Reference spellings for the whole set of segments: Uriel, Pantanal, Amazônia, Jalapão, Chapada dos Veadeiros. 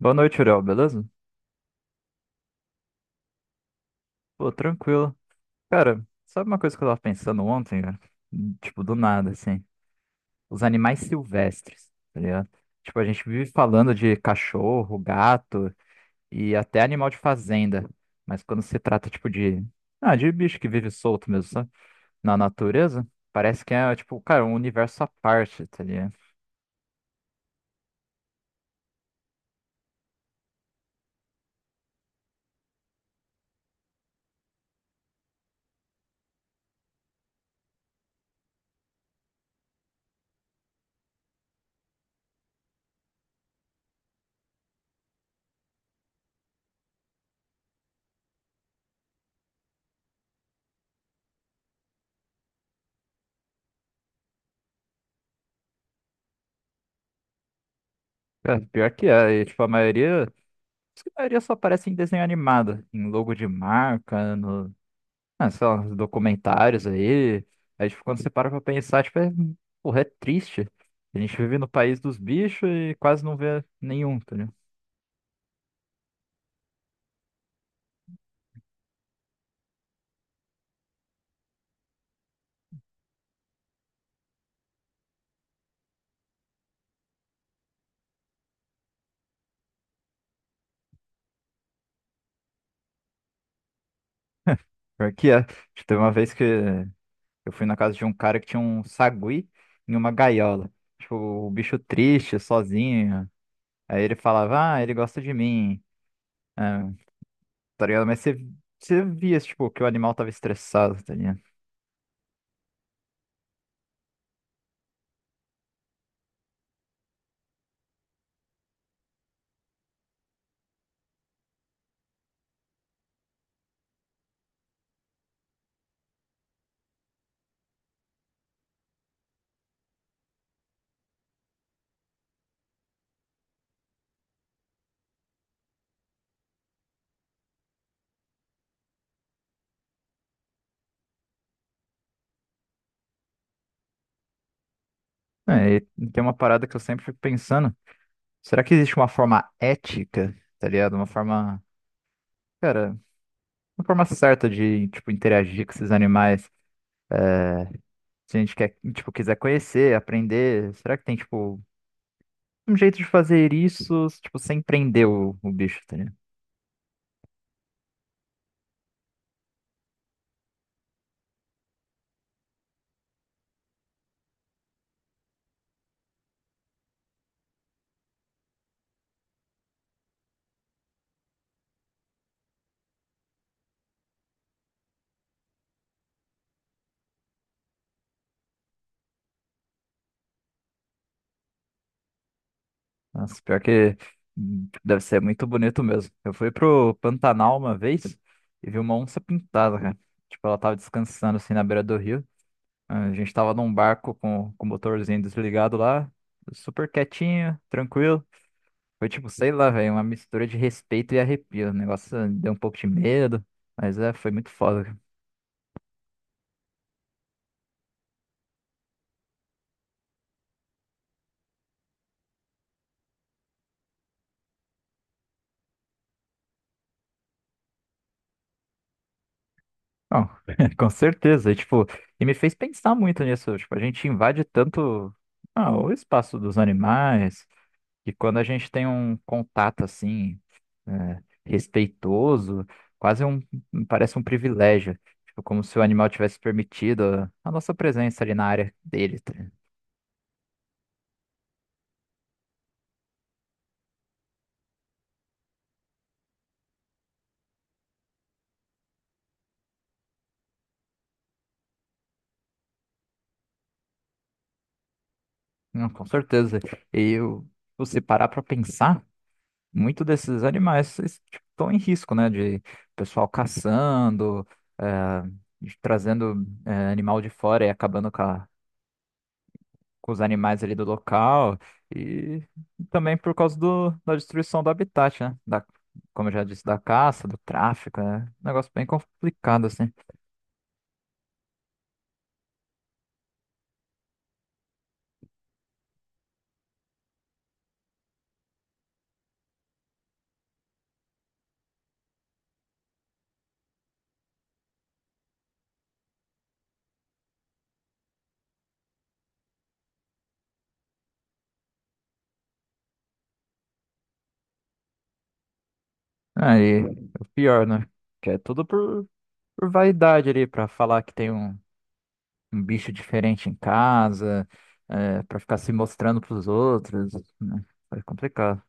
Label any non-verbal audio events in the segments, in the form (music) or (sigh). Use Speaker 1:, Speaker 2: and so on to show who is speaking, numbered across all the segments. Speaker 1: Boa noite, Uriel, beleza? Pô, tranquilo. Cara, sabe uma coisa que eu tava pensando ontem, cara? Tipo, do nada, assim. Os animais silvestres, tá ligado? Tipo, a gente vive falando de cachorro, gato e até animal de fazenda. Mas quando se trata, tipo, de... Ah, de bicho que vive solto mesmo, sabe? Na natureza, parece que é, tipo, cara, um universo à parte, tá ligado? Cara, pior que é. E, tipo, a maioria... Acho que a maioria só aparece em desenho animado. Em logo de marca, ah, sei lá, uns documentários aí. Aí, tipo, quando você para pra pensar, tipo, é, porra, é triste. A gente vive no país dos bichos e quase não vê nenhum, tá ligado? Pior que é. Tipo, teve uma vez que eu fui na casa de um cara que tinha um sagui em uma gaiola. Tipo, o bicho triste, sozinho. Aí ele falava, ah, ele gosta de mim. Ah, tá ligado? Mas você via, tipo, que o animal tava estressado, tá ligado? É, e tem uma parada que eu sempre fico pensando. Será que existe uma forma ética, tá ligado? Uma forma. Cara, uma forma certa de, tipo, interagir com esses animais. É, se a gente quer, tipo, quiser conhecer, aprender, será que tem, tipo, um jeito de fazer isso, tipo, sem prender o bicho, tá ligado? Nossa, pior que deve ser muito bonito mesmo. Eu fui pro Pantanal uma vez e vi uma onça pintada, cara. Tipo, ela tava descansando, assim, na beira do rio. A gente tava num barco com o motorzinho desligado lá, super quietinho, tranquilo. Foi tipo, sei lá, velho, uma mistura de respeito e arrepio. O negócio deu um pouco de medo, mas é, foi muito foda. Não, (laughs) com certeza. E, tipo, e me fez pensar muito nisso. Tipo, a gente invade tanto, ah, o espaço dos animais, e quando a gente tem um contato assim, é, respeitoso, quase um, parece um privilégio. Tipo, como se o animal tivesse permitido a nossa presença ali na área dele, tá ligado? Não, com certeza. E eu, você parar pra pensar. Muito desses animais estão em risco, né? De pessoal caçando, eh, trazendo animal de fora e acabando com, com os animais ali do local. E também por causa do, da destruição do habitat, né? Da, como eu já disse, da caça, do tráfico, né? Negócio bem complicado, assim. Aí, o pior, né? Que é tudo por vaidade ali, pra falar que tem um. Um bicho diferente em casa, é, para ficar se mostrando pros outros, né? É complicado.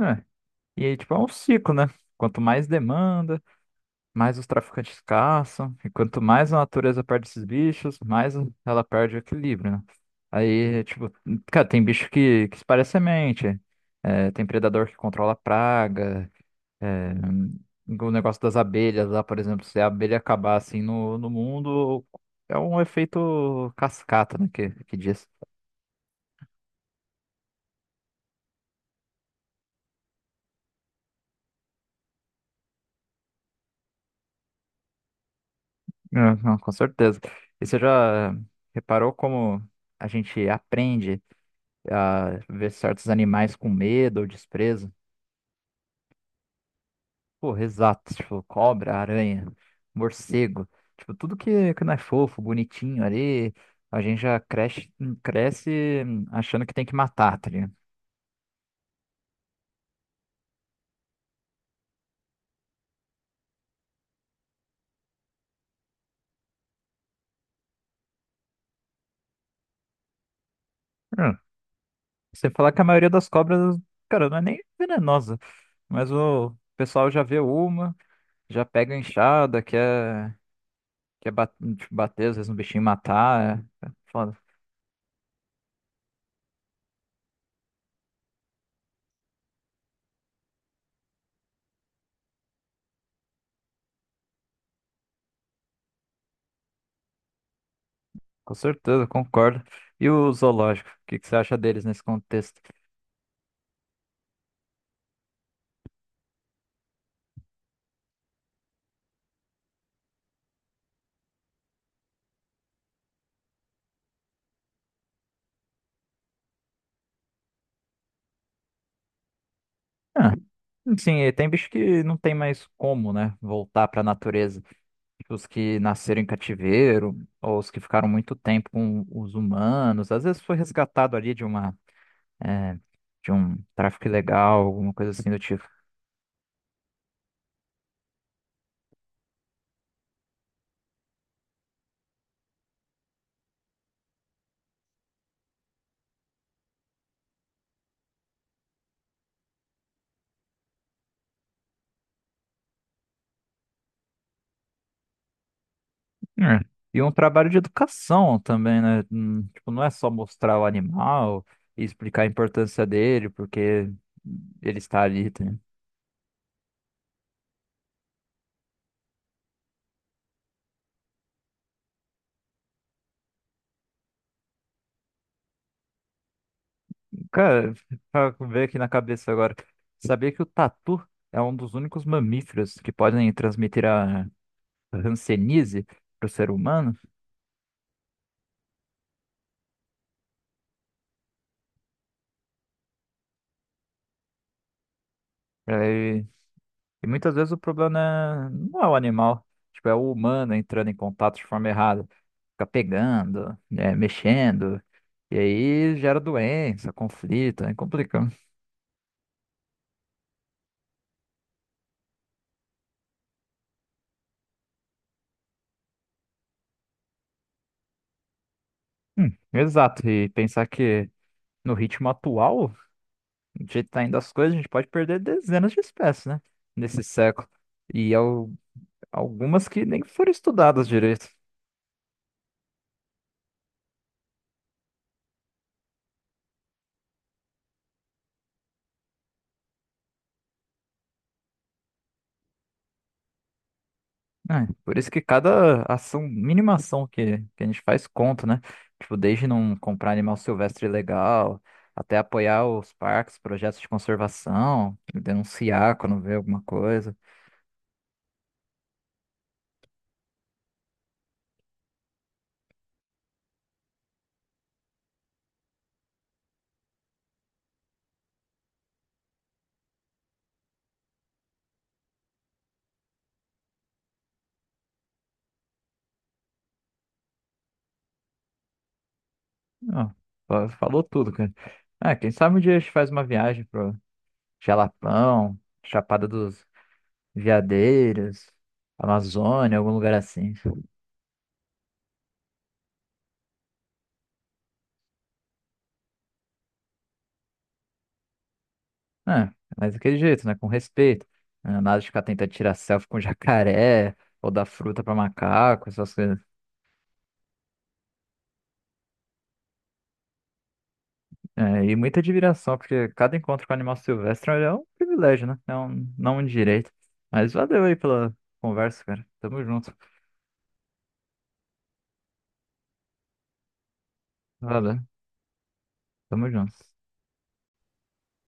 Speaker 1: É. E aí, tipo, é um ciclo, né? Quanto mais demanda, mais os traficantes caçam, e quanto mais a natureza perde esses bichos, mais ela perde o equilíbrio, né? Aí, tipo, cara, tem bicho que espalha semente, é, tem predador que controla a praga. É, o negócio das abelhas lá, por exemplo, se a abelha acabar assim no mundo, é um efeito cascata, né? Que diz. É, (laughs) não, com certeza. E você já reparou como a gente aprende a ver certos animais com medo ou desprezo? Pô, exato, tipo, cobra, aranha, morcego, tipo, tudo que não é fofo, bonitinho ali, a gente já cresce achando que tem que matar, tá ligado? Você falar que a maioria das cobras, cara, não é nem venenosa. Mas o pessoal já vê uma, já pega a enxada, quer tipo, bater, às vezes, um bichinho e matar. É, é foda. Com certeza, concordo. E o zoológico, o que que você acha deles nesse contexto? Ah, sim, e tem bicho que não tem mais como, né, voltar pra natureza. Tipo, os que nasceram em cativeiro, ou os que ficaram muito tempo com os humanos. Às vezes foi resgatado ali de uma. É, de um tráfico ilegal, alguma coisa assim do tipo. É. E um trabalho de educação também, né? Tipo, não é só mostrar o animal e explicar a importância dele, porque ele está ali, tá? Cara, pra ver aqui na cabeça agora. Sabia que o tatu é um dos únicos mamíferos que podem transmitir a hanseníase para o ser humano? É, e muitas vezes o problema não é o animal, tipo, é o humano entrando em contato de forma errada. Fica pegando, né, mexendo, e aí gera doença, conflito, é complicado. Exato, e pensar que no ritmo atual, do jeito que tá indo as coisas, a gente pode perder dezenas de espécies, né, nesse século. E algumas que nem foram estudadas direito. É, por isso que cada ação, mínima ação que a gente faz conta, né? Tipo, desde não comprar animal silvestre ilegal, até apoiar os parques, projetos de conservação, denunciar quando vê alguma coisa. Não, falou tudo, cara. Ah, quem sabe um dia a gente faz uma viagem pro Jalapão, Chapada dos Veadeiros, Amazônia, algum lugar assim. É, mas daquele jeito, né? Com respeito. É, nada de ficar tentando tirar selfie com (laughs) jacaré ou dar fruta pra macaco, essas coisas. É, e muita admiração, porque cada encontro com animal silvestre é um privilégio, né? É um, não um direito. Mas valeu aí pela conversa, cara. Tamo junto. Valeu, tamo junto.